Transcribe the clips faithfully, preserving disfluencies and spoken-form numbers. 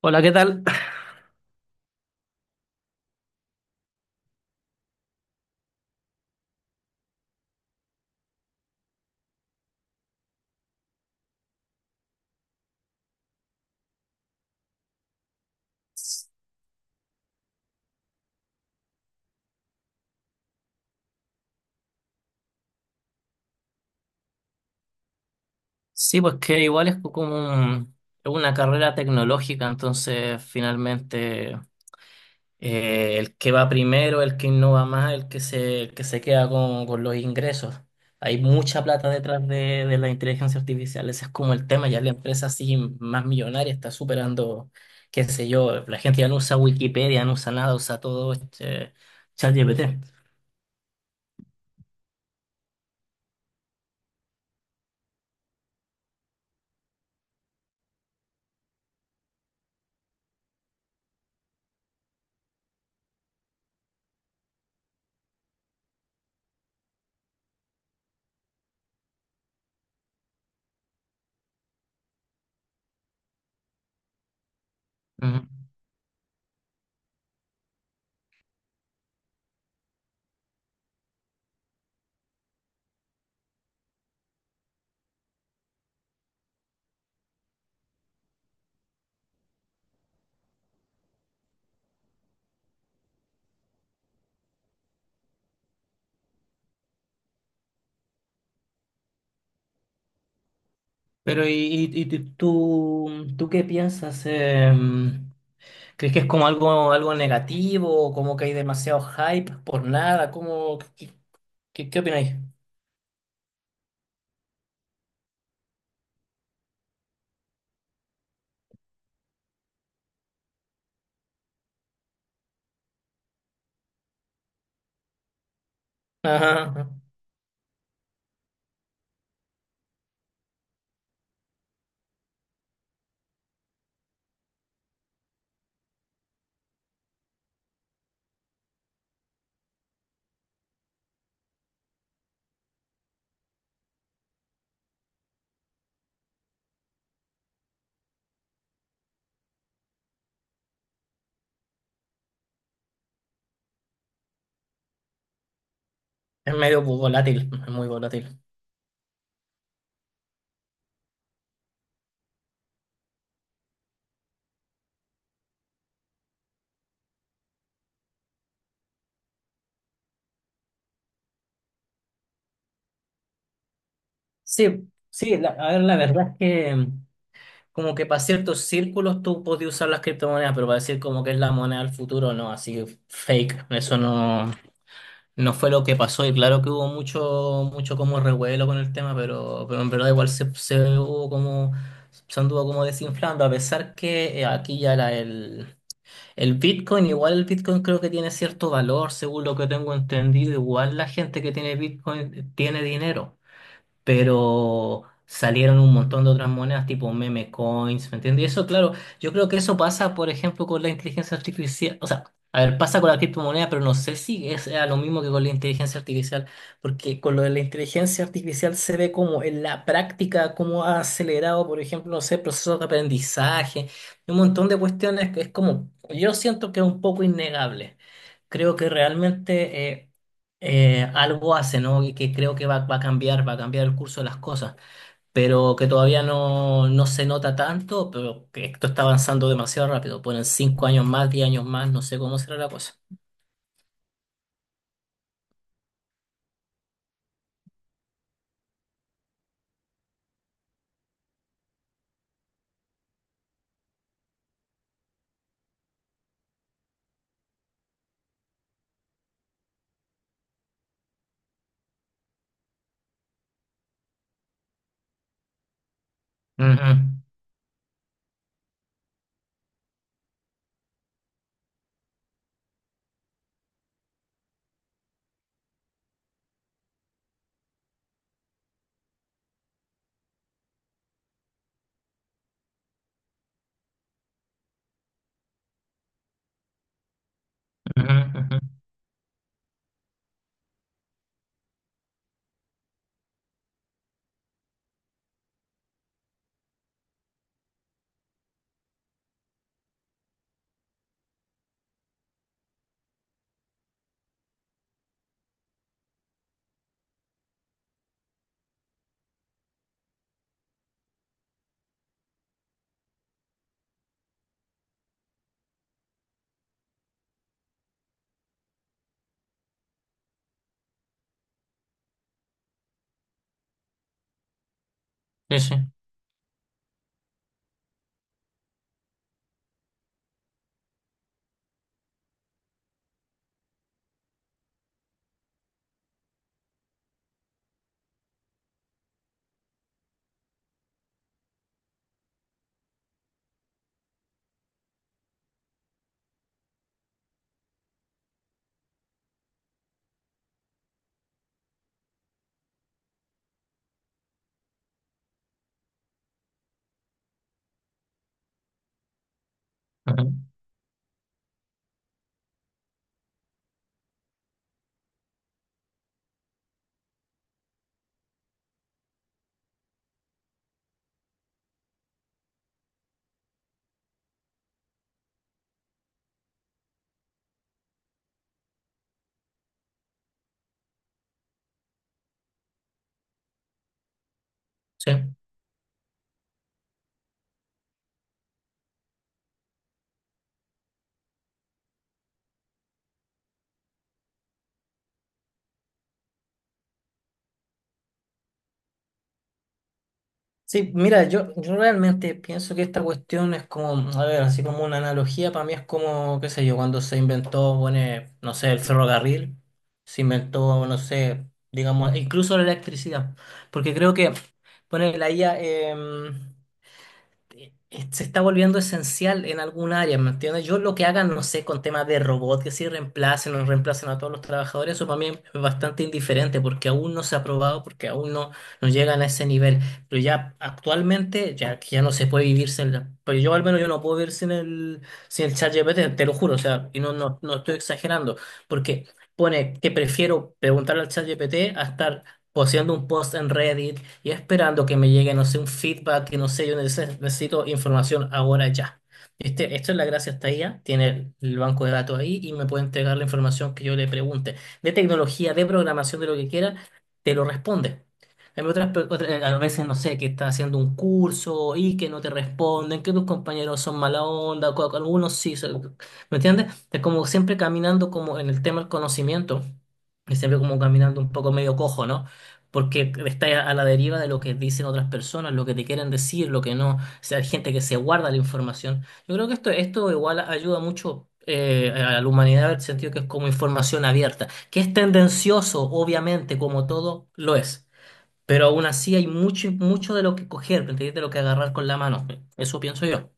Hola, ¿qué tal? Sí, pues que igual es como un- es una carrera tecnológica, entonces finalmente eh, el que va primero, el que innova más, el que se, el que se queda con, con los ingresos. Hay mucha plata detrás de, de la inteligencia artificial, ese es como el tema, ya la empresa así más millonaria está superando, qué sé yo, la gente ya no usa Wikipedia, no usa nada, usa todo este ChatGPT. Ujú. Pero ¿y, y- y tú, tú qué piensas? em, ¿Crees que es como algo, algo negativo o como que hay demasiado hype por nada? ¿Cómo, qué, qué, qué opináis? Ajá, es medio volátil, es muy volátil. Sí, sí, la, a ver, la verdad es que mm, como que para ciertos círculos tú podías usar las criptomonedas, pero para decir como que es la moneda del futuro, no, así fake, eso no. No fue lo que pasó y claro que hubo mucho, mucho como revuelo con el tema, pero, pero en verdad igual se, se hubo como, se anduvo como desinflando, a pesar que eh, aquí ya era el, el Bitcoin, igual el Bitcoin creo que tiene cierto valor, según lo que tengo entendido, igual la gente que tiene Bitcoin tiene dinero, pero salieron un montón de otras monedas tipo meme coins, ¿me entiendes? Y eso, claro, yo creo que eso pasa, por ejemplo, con la inteligencia artificial, o sea, a ver, pasa con la criptomoneda, pero no sé si es sea lo mismo que con la inteligencia artificial, porque con lo de la inteligencia artificial se ve como en la práctica, cómo ha acelerado, por ejemplo, no sé, procesos de aprendizaje, un montón de cuestiones que es como, yo siento que es un poco innegable. Creo que realmente... eh, eh, algo hace, ¿no? Y que creo que va, va a cambiar, va a cambiar el curso de las cosas, pero que todavía no, no se nota tanto, pero que esto está avanzando demasiado rápido. Ponen cinco años más, diez años más, no sé cómo será la cosa. Ujú, ujú, ujú. Sí, sí. Ujú, sí. Sí, mira, yo, yo realmente pienso que esta cuestión es como, a ver, así como una analogía, para mí es como, qué sé yo, cuando se inventó, bueno, eh, no sé, el ferrocarril, se inventó, no sé, digamos, incluso la electricidad, porque creo que, bueno, la I A, eh, se está volviendo esencial en algún área, ¿me entiendes? Yo lo que hagan, no sé, con temas de robot, que si reemplacen o no reemplacen a todos los trabajadores, eso para mí es bastante indiferente porque aún no se ha probado, porque aún no, no llegan a ese nivel. Pero ya actualmente, ya que ya no se puede vivir sin la- Pero yo al menos yo no puedo vivir sin el, sin el ChatGPT, te lo juro, o sea, y no, no, no estoy exagerando, porque pone que prefiero preguntarle al ChatGPT a estar posteando un post en Reddit y esperando que me llegue, no sé, un feedback, que no sé, yo neces- necesito información ahora ya. Este, esto es la gracia hasta ella tiene el banco de datos ahí y me puede entregar la información que yo le pregunte, de tecnología, de programación, de lo que quiera, te lo responde. En otras, pe- otra- eh, a veces, no sé, que estás haciendo un curso y que no te responden, que tus compañeros son mala onda, co- algunos sí, son- ¿me entiendes? Es como siempre caminando como en el tema del conocimiento, es siempre como caminando un poco medio cojo, ¿no? Porque estás a la deriva de lo que dicen otras personas, lo que te quieren decir, lo que no. O sea, hay gente que se guarda la información. Yo creo que esto, esto igual ayuda mucho eh, a la humanidad en el sentido que es como información abierta, que es tendencioso, obviamente, como todo lo es. Pero aún así hay mucho, mucho de lo que coger, ¿me entiendes? De lo que agarrar con la mano. Eso pienso yo.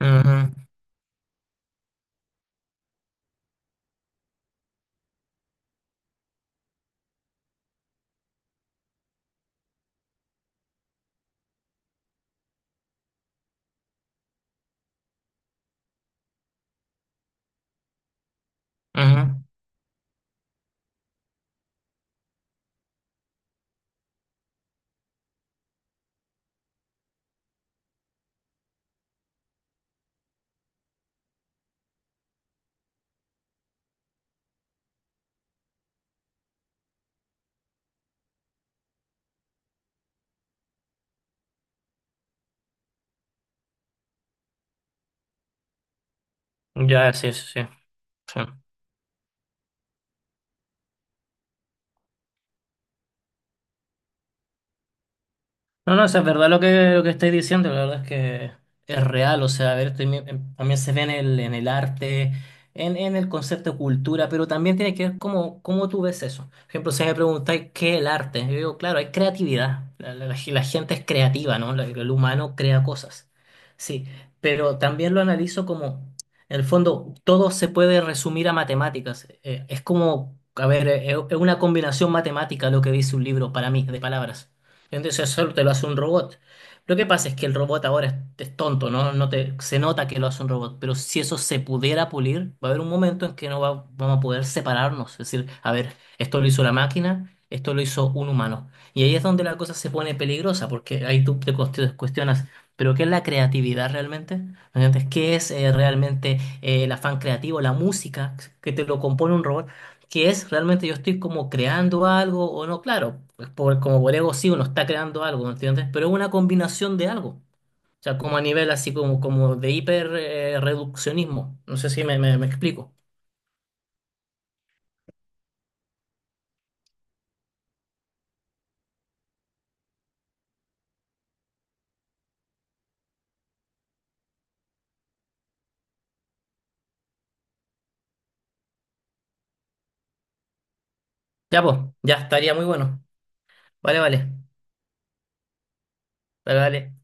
Ujú, ujú. Ya, sí, sí, sí. Sí. No, no, o sea, es verdad lo que, lo que estáis diciendo, la verdad es que es real, o sea, a ver, también, también se ve en el, en el arte, en, en el concepto de cultura, pero también tiene que ver cómo, cómo tú ves eso. Por ejemplo, si me preguntáis qué es el arte, yo digo, claro, hay creatividad, la, la- la gen- la gente es creativa, ¿no? La- el humano crea cosas, sí, pero también lo analizo como, en el fondo, todo se puede resumir a matemáticas, eh, es como, a ver, eh, es una combinación matemática lo que dice un libro para mí, de palabras. Entonces solo te lo hace un robot. Lo que pasa es que el robot ahora es, es tonto, ¿no? No te, se nota que lo hace un robot, pero si eso se pudiera pulir, va a haber un momento en que no va- vamos a poder separarnos. Es decir, a ver, esto lo hizo la máquina, esto lo hizo un humano. Y ahí es donde la cosa se pone peligrosa, porque ahí tú te cuest- cuestionas, ¿pero qué es la creatividad realmente? ¿Me entiendes? ¿Qué es eh, realmente eh, el afán creativo, la música que te lo compone un robot? Qué es realmente yo estoy como creando algo o no, claro, pues por, como por ego sí uno está creando algo, ¿me entiendes? Pero es una combinación de algo, o sea, como a nivel así como, como de hiper eh, reduccionismo, no sé si me, me, me explico. Ya, pues, ya estaría muy bueno. Vale, vale, vale, vale.